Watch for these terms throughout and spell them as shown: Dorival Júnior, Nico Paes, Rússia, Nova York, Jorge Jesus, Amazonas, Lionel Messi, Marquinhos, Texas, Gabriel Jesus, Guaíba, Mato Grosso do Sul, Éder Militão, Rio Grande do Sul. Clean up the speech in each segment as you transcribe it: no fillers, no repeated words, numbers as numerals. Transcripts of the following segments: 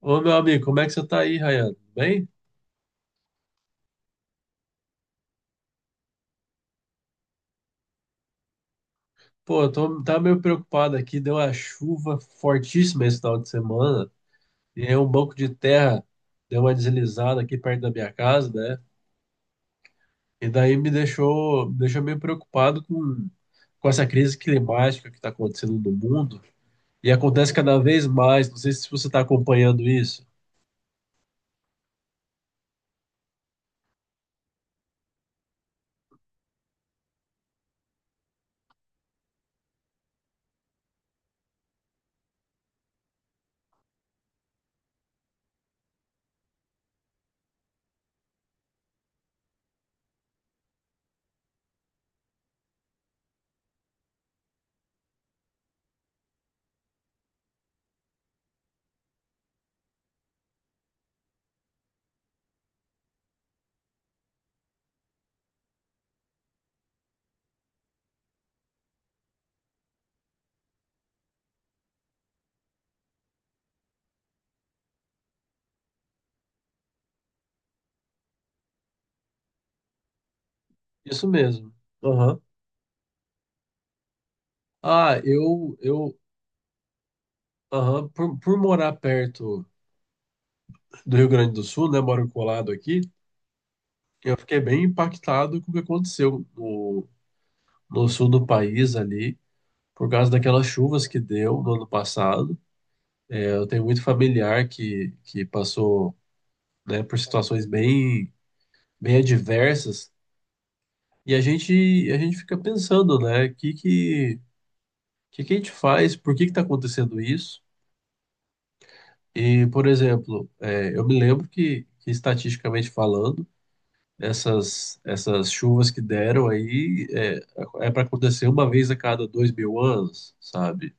Ô, meu amigo, como é que você tá aí, Ryan? Bem? Pô, tava meio preocupado aqui. Deu uma chuva fortíssima esse final de semana. E aí um banco de terra deu uma deslizada aqui perto da minha casa, né? E daí me deixou meio preocupado com essa crise climática que tá acontecendo no mundo. E acontece cada vez mais. Não sei se você tá acompanhando isso. Isso mesmo. Aham. Ah, eu, eu, aham, por morar perto do Rio Grande do Sul, né? Moro colado aqui. Eu fiquei bem impactado com o que aconteceu no sul do país ali, por causa daquelas chuvas que deu no ano passado. É, eu tenho muito familiar que passou, né, por situações bem adversas, e a gente fica pensando, né, que a gente faz, por que que está acontecendo isso? E, por exemplo, é, eu me lembro que estatisticamente falando, essas chuvas que deram é para acontecer uma vez a cada 2000 anos, sabe?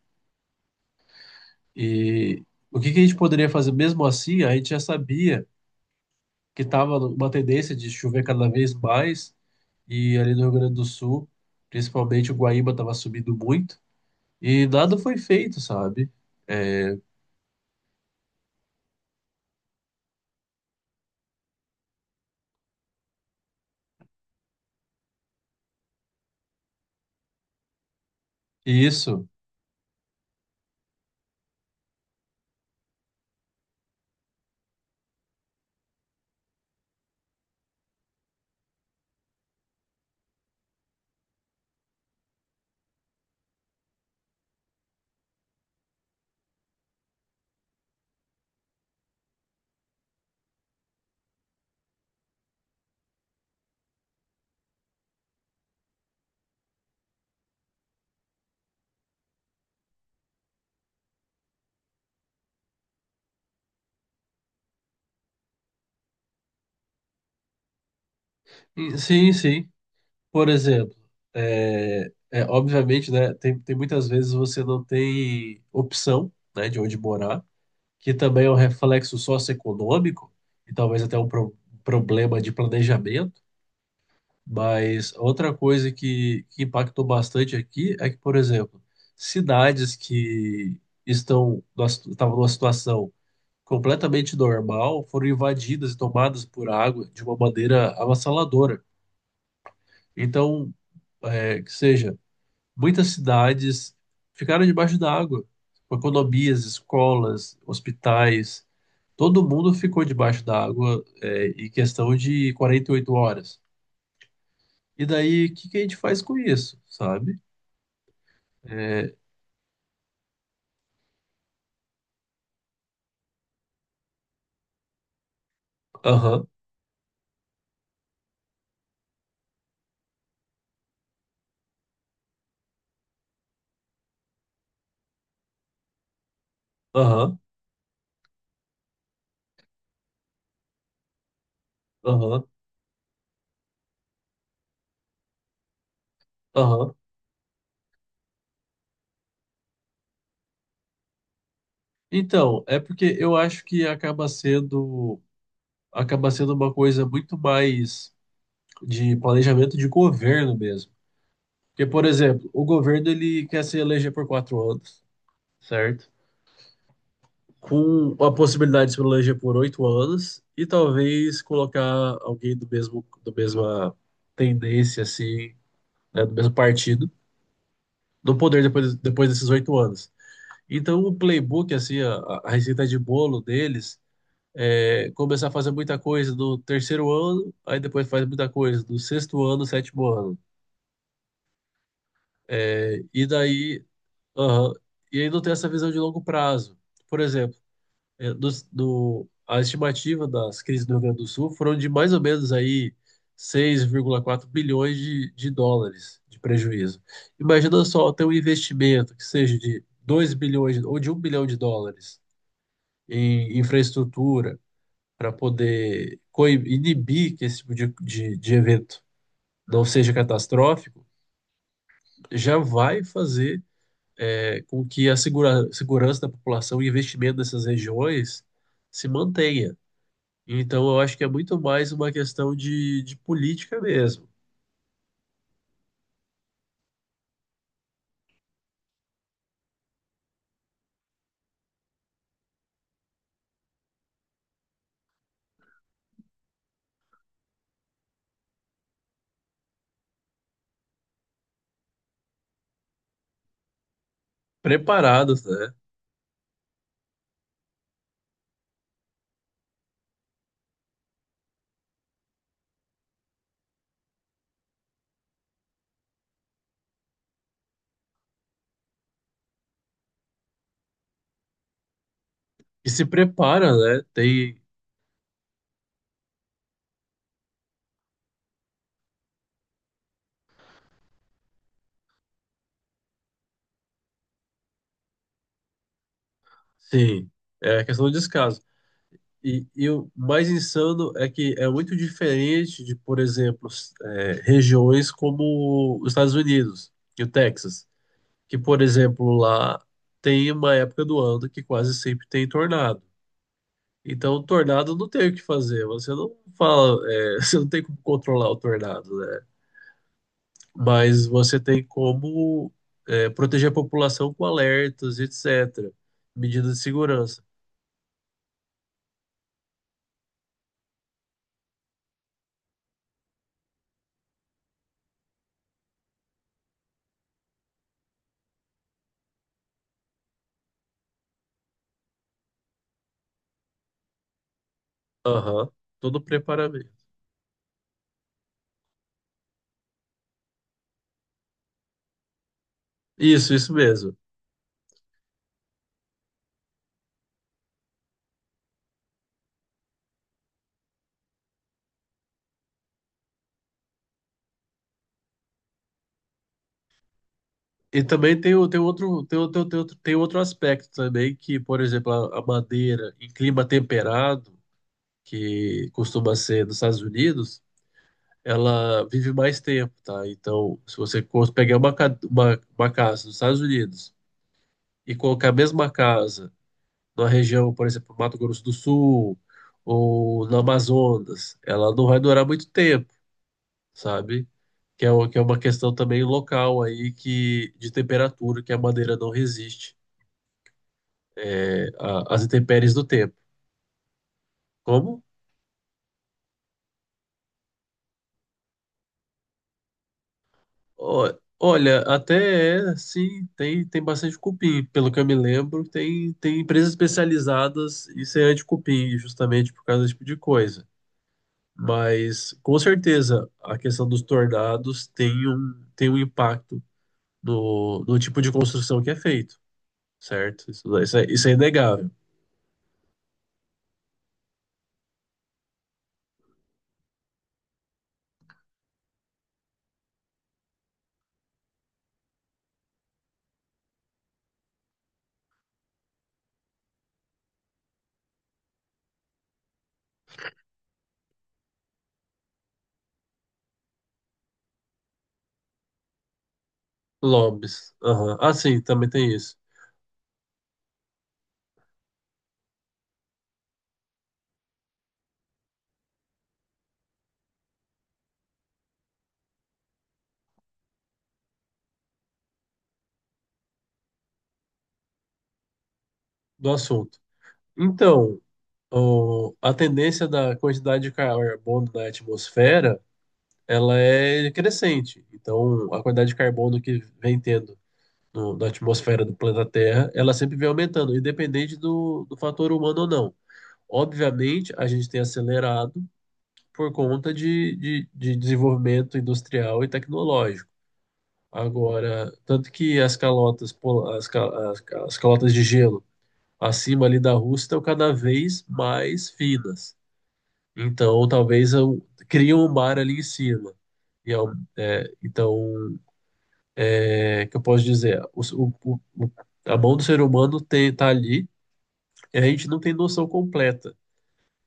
E o que que a gente poderia fazer mesmo assim? A gente já sabia que estava uma tendência de chover cada vez mais, e ali no Rio Grande do Sul, principalmente o Guaíba estava subindo muito, e nada foi feito, sabe? E isso. E sim, sim. Por exemplo, obviamente, né, tem muitas vezes você não tem opção, né, de onde morar, que também é um reflexo socioeconômico e talvez até um um problema de planejamento. Mas outra coisa que impactou bastante aqui é que, por exemplo, cidades que estão numa estavam numa situação completamente normal foram invadidas e tomadas por água de uma maneira avassaladora. Então, é, que seja, muitas cidades ficaram debaixo da água, com economias, escolas, hospitais. Todo mundo ficou debaixo da água, é, em questão de 48 horas. E daí, o que que a gente faz com isso, sabe? Aham, aham, aham, aham. Então, é porque eu acho que acaba sendo uma coisa muito mais de planejamento de governo mesmo. Porque, por exemplo, o governo ele quer se eleger por 4 anos, certo? Com a possibilidade de Solange por 8 anos e talvez colocar alguém do mesma tendência, assim, né, do mesmo partido, no poder depois desses 8 anos. Então, o playbook, a receita de bolo deles é começar a fazer muita coisa no terceiro ano, aí depois faz muita coisa no sexto ano, sétimo ano. É, e daí, aham, e aí não tem essa visão de longo prazo. Por exemplo, a estimativa das crises do Rio Grande do Sul foram de mais ou menos aí 6,4 bilhões de dólares de prejuízo. Imagina só ter um investimento que seja de 2 bilhões ou de 1 bilhão de dólares em infraestrutura para poder inibir que esse tipo de evento não seja catastrófico, já vai fazer é, com que a segurança da população e investimento nessas regiões se mantenha. Então, eu acho que é muito mais uma questão de política mesmo. Preparados, né? E se prepara, né? Tem, sim, é a questão de descaso. E o mais insano é que é muito diferente de, por exemplo, regiões como os Estados Unidos e o Texas, que, por exemplo, lá tem uma época do ano que quase sempre tem tornado. Então, o tornado não tem o que fazer. Você não fala, é, você não tem como controlar o tornado, né? Mas você tem como é, proteger a população com alertas, etc. Medidas de segurança. Aham, todo preparamento. Isso mesmo. E também tem, tem outro aspecto também, que, por exemplo, a madeira em clima temperado, que costuma ser nos Estados Unidos, ela vive mais tempo, tá? Então, se você pegar uma casa nos Estados Unidos e colocar a mesma casa numa região, por exemplo, Mato Grosso do Sul ou no Amazonas, ela não vai durar muito tempo, sabe? Que é, que é uma questão também local aí que de temperatura que a madeira não resiste é, às intempéries do tempo. Como? Ó, olha, até é, sim, tem, tem bastante cupim. Pelo que eu me lembro, tem empresas especializadas em semente de cupim, justamente por causa desse tipo de coisa. Mas com certeza a questão dos tornados tem tem um impacto no tipo de construção que é feito, certo? Isso, isso é inegável. Lobbies. Aham. Ah, sim, também tem isso, do assunto. Então, a tendência da quantidade de carbono na atmosfera, ela é crescente. Então, a quantidade de carbono que vem tendo na atmosfera do planeta Terra, ela sempre vem aumentando, independente do fator humano ou não. Obviamente, a gente tem acelerado por conta de desenvolvimento industrial e tecnológico. Agora, tanto que as calotas, pol- as, ca- as, ca- as calotas de gelo acima ali da Rússia estão cada vez mais finas. Então, talvez eu, criam um mar ali em cima. E é então, é que eu posso dizer? A mão do ser humano tem, tá ali e a gente não tem noção completa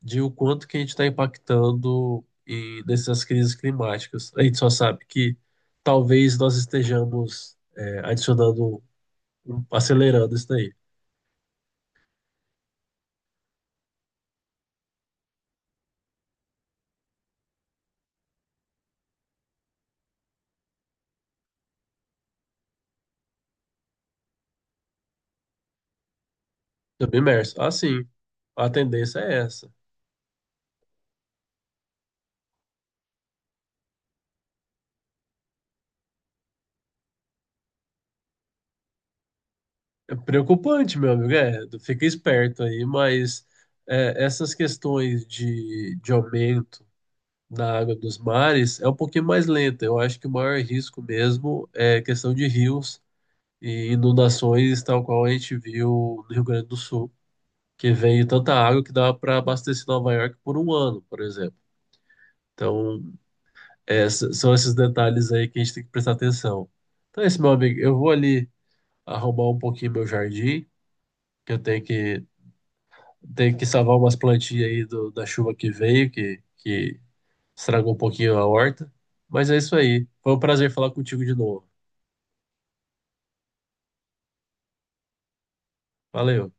de o quanto que a gente está impactando e nessas crises climáticas. A gente só sabe que talvez nós estejamos é, acelerando isso daí. Submerso. Assim, a tendência é essa. É preocupante, meu amigo, é, fica esperto aí, mas é, essas questões de aumento da água dos mares é um pouquinho mais lenta. Eu acho que o maior risco mesmo é questão de rios e inundações, tal qual a gente viu no Rio Grande do Sul, que vem tanta água que dá para abastecer Nova York por um ano, por exemplo. Então, é, são esses detalhes aí que a gente tem que prestar atenção. Então é isso, meu amigo. Eu vou ali arrumar um pouquinho meu jardim, que tenho que salvar umas plantinhas aí da chuva que veio, que estragou um pouquinho a horta. Mas é isso aí. Foi um prazer falar contigo de novo. Valeu.